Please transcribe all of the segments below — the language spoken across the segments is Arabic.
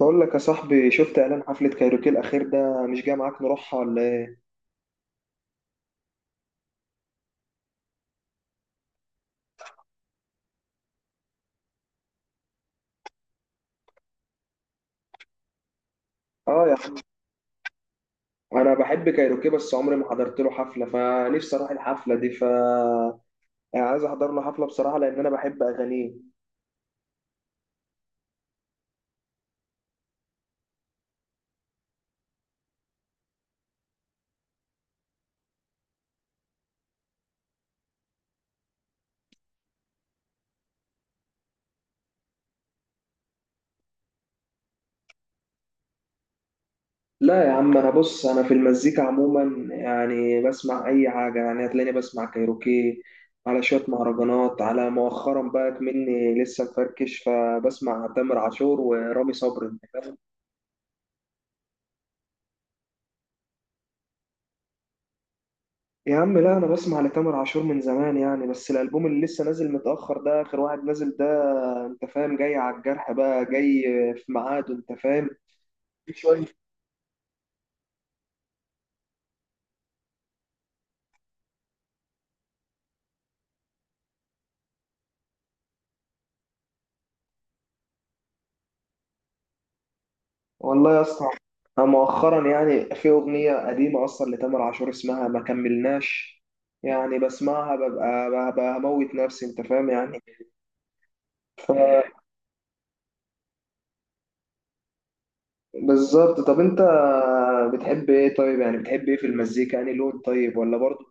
بقول لك يا صاحبي، شفت اعلان حفلة كايروكي الاخير ده؟ مش جاي معاك نروحها ولا ايه؟ اه يا عم، انا بحب كايروكي بس عمري ما حضرت له حفلة، فنفسي اروح الحفلة دي. يعني عايز احضر له حفلة بصراحة، لان انا بحب اغانيه. لا يا عم، انا بص، انا في المزيكا عموما يعني بسمع اي حاجة، يعني هتلاقيني بسمع كايروكي، على شوية مهرجانات، على مؤخرا بقى مني لسه مفركش، فبسمع تامر عاشور ورامي صبري. يا عم لا، انا بسمع لتامر عاشور من زمان يعني، بس الالبوم اللي لسه نازل متاخر ده اخر واحد نازل ده. انت فاهم؟ جاي على الجرح بقى، جاي في ميعاده، انت فاهم؟ في شويه. والله يا اسطى، أنا مؤخرا يعني في اغنيه قديمه اصلا لتامر عاشور اسمها ما كملناش، يعني بسمعها ببقى، ببقى هموت نفسي، انت فاهم يعني. ف- بالظبط. طب انت بتحب ايه طيب؟ يعني بتحب ايه في المزيكا؟ يعني لون طيب ولا برضه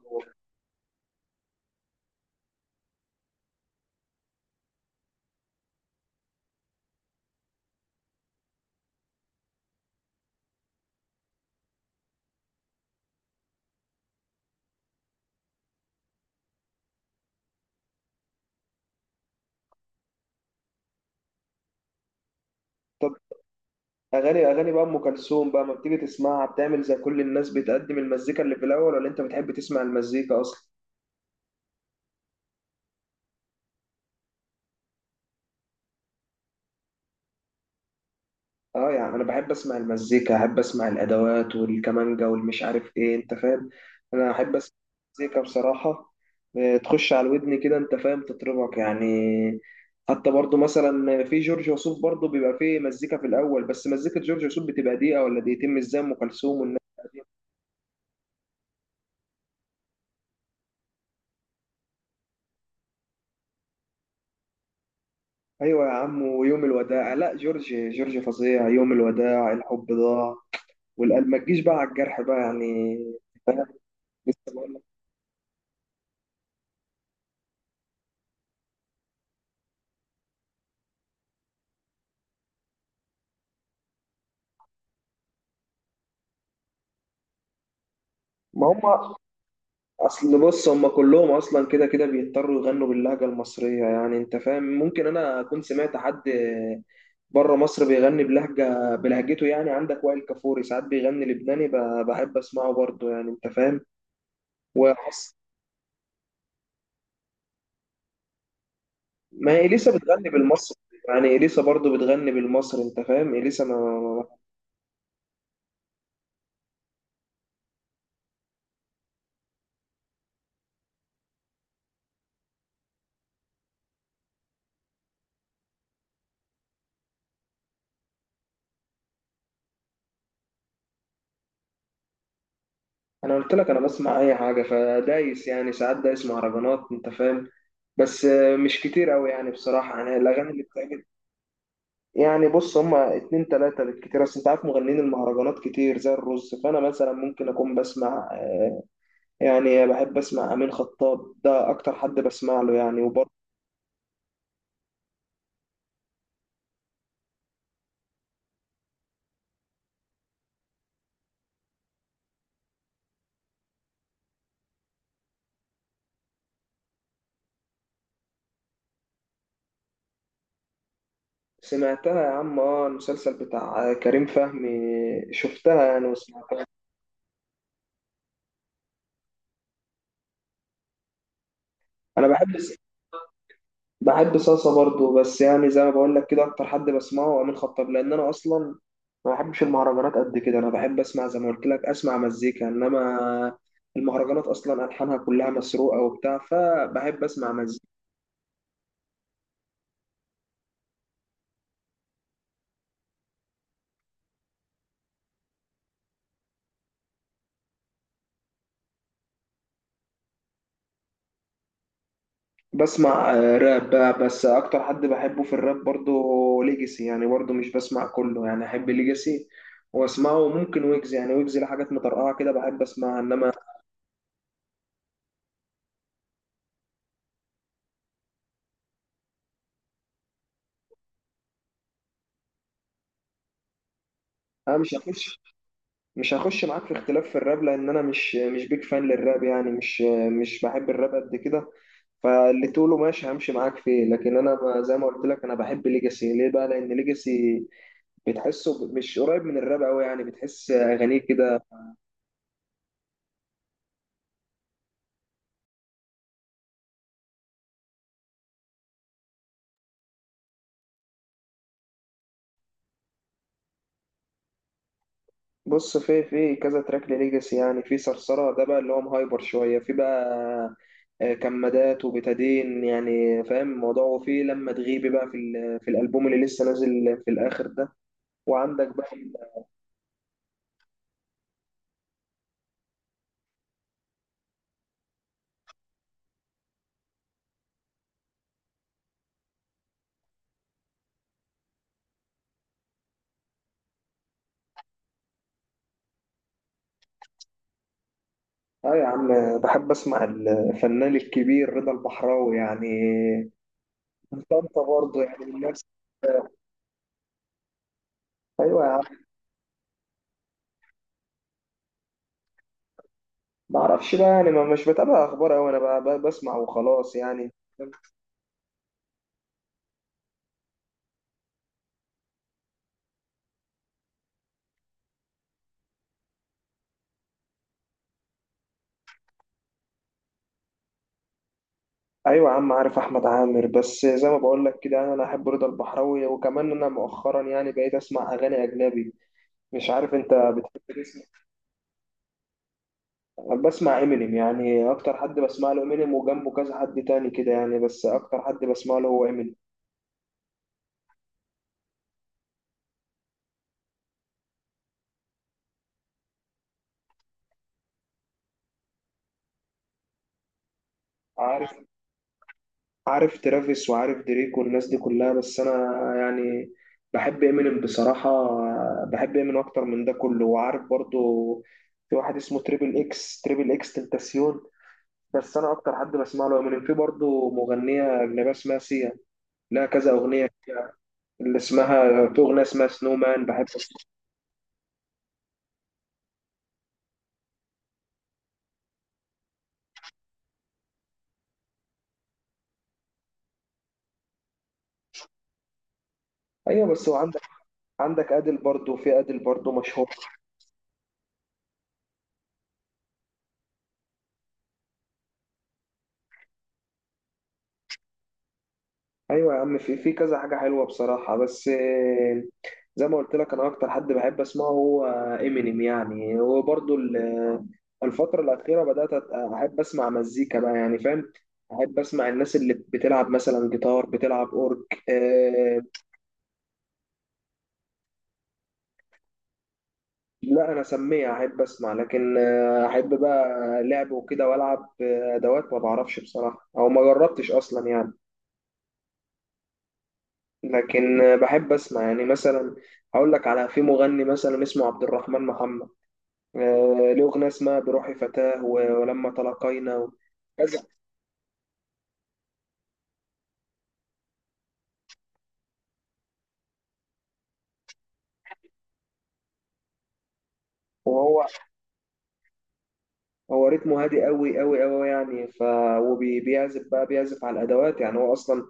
اغاني؟ اغاني بقى ام كلثوم بقى ما بتيجي تسمعها؟ بتعمل زي كل الناس، بتقدم المزيكا اللي في الاول ولا انت بتحب تسمع المزيكا اصلا؟ اه يعني انا بحب اسمع المزيكا، احب اسمع الادوات والكمانجا والمش عارف ايه، انت فاهم؟ انا احب اسمع المزيكا بصراحه. تخش على ودني كده انت فاهم، تطربك يعني. حتى برضو مثلا في جورج وسوف، برضو بيبقى فيه مزيكا في الاول، بس مزيكه جورج وسوف بتبقى دقيقه ولا دقيقتين مش زي ام كلثوم والناس. ايوه يا عم، ويوم الوداع، لا جورج، جورج فظيع. يوم الوداع الحب ضاع والقلب ما تجيش بقى على الجرح بقى يعني. فاهم؟ لسه بقول لك. ما هم اصل بص، هم كلهم اصلا كده كده بيضطروا يغنوا باللهجه المصريه، يعني انت فاهم، ممكن انا اكون سمعت حد بره مصر بيغني بلهجه، بلهجته يعني. عندك وائل كفوري ساعات بيغني لبناني، بحب اسمعه برضه يعني، انت فاهم؟ وحس. ما هي اليسا بتغني بالمصري، يعني اليسا برضه بتغني بالمصري، انت فاهم؟ اليسا ما. انا قلت لك انا بسمع اي حاجه، فدايس يعني، ساعات دايس مهرجانات انت فاهم. بس مش كتير قوي يعني بصراحه، يعني الاغاني اللي بتعجب. يعني بص، هما اتنين تلاته بالكتير، اصل انت عارف مغنيين المهرجانات كتير زي الرز، فانا مثلا ممكن اكون بسمع، يعني بحب اسمع امين خطاب، ده اكتر حد بسمع له يعني. وبرضه سمعتها يا عم، اه المسلسل بتاع كريم فهمي شفتها يعني وسمعتها. انا بحب، بحب صلصة برضو، بس يعني زي ما بقول لك كده اكتر حد بسمعه هو امين خطاب، لان انا اصلا ما بحبش المهرجانات قد كده. انا بحب اسمع زي ما قلت لك، اسمع مزيكا، انما المهرجانات اصلا الحانها كلها مسروقه وبتاع، فبحب اسمع مزيكا. بسمع راب بقى، بس اكتر حد بحبه في الراب برضو ليجاسي، يعني برضو مش بسمع كله يعني، احب ليجاسي واسمعه، ممكن ويجز يعني، ويجز لحاجات مطرقعه كده بحب اسمعها. انما انا مش هخش، مش هخش معاك في اختلاف في الراب، لان انا مش بيك فان للراب يعني، مش بحب الراب قد كده. فاللي تقوله ماشي، همشي معاك فيه، لكن انا زي ما قلت لك، انا بحب ليجاسي ليه بقى؟ لان ليجاسي بتحسه مش قريب من الراب قوي يعني، بتحس اغانيه كده. بص في في كذا تراك لليجاسي، يعني في صرصره ده بقى اللي هو مهايبر شويه، في بقى كمادات وبتادين، يعني فاهم الموضوع، وفي لما تغيبي بقى في في الالبوم اللي لسه نازل في الاخر ده. وعندك بقى اه يا عم، بحب اسمع الفنان الكبير رضا البحراوي يعني، من طنطا برضه يعني، من نفس. ايوه يا عم. ما اعرفش بقى يعني، ما مش بتابع اخبار اوي انا، بقى بقى بسمع وخلاص يعني. ايوه يا عم، عارف احمد عامر، بس زي ما بقول لك كده انا احب رضا البحراوي. وكمان انا مؤخرا يعني بقيت اسمع اغاني اجنبي، مش عارف انت بتحب تسمع؟ بسمع امينيم يعني، اكتر حد بسمع له امينيم، وجنبه كذا حد تاني كده يعني، بس اكتر حد بسمع له هو امينيم. عارف، عارف ترافيس وعارف دريك والناس دي كلها، بس انا يعني بحب امينيم بصراحه. بحب امينيم اكتر من ده كله. وعارف برضو في واحد اسمه تريبل اكس، تريبل اكس تنتاسيون، بس انا اكتر حد بسمع له امينيم. في برضو مغنيه اجنبيه اسمها سيا، لها كذا اغنيه اللي اسمها، في اغنيه اسمها سنو مان بحب أسمعها. ايوه بس وعندك، عندك ادل برضو، في ادل برضو مشهور. ايوه يا عم، في في كذا حاجه حلوه بصراحه، بس زي ما قلت لك انا اكتر حد بحب اسمعه هو امينيم يعني. وبرضه الفتره الاخيره بدات احب اسمع مزيكا بقى، يعني فاهم، احب اسمع الناس اللي بتلعب مثلا جيتار، بتلعب اورج. أه لا، انا سميع، احب اسمع، لكن احب بقى لعب وكده، والعب ادوات ما بعرفش بصراحه، او ما جربتش اصلا يعني. لكن بحب اسمع يعني، مثلا هقول لك على، في مغني مثلا اسمه عبد الرحمن محمد، له أغنية اسمها بروحي فتاة ولما تلاقينا كذا. وهو، هو رتمه هادي قوي قوي قوي يعني. وبيعزف بقى، بيعزف على الأدوات يعني، هو أصلا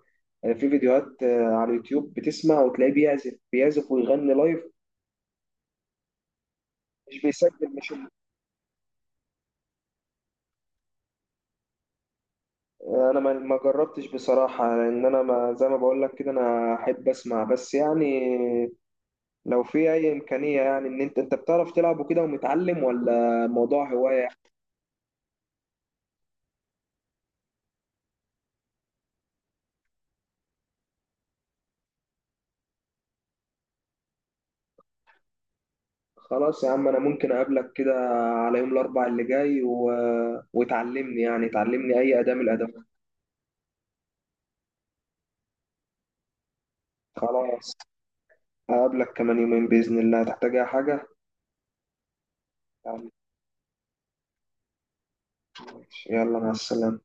في فيديوهات على اليوتيوب بتسمع وتلاقيه بيعزف، بيعزف ويغني لايف، مش بيسجل. مش انا ما جربتش بصراحة، لان انا ما زي ما بقول لك كده انا احب اسمع بس يعني. لو في اي امكانية يعني، ان انت، انت بتعرف تلعب وكده ومتعلم، ولا موضوع هواية؟ خلاص يا عم، انا ممكن اقابلك كده على يوم الاربع اللي جاي و... وتعلمني يعني، تعلمني اي اداة من الادوات. خلاص، هقابلك كمان يومين باذن الله، هتحتاج اي حاجه؟ يلا مع السلامه.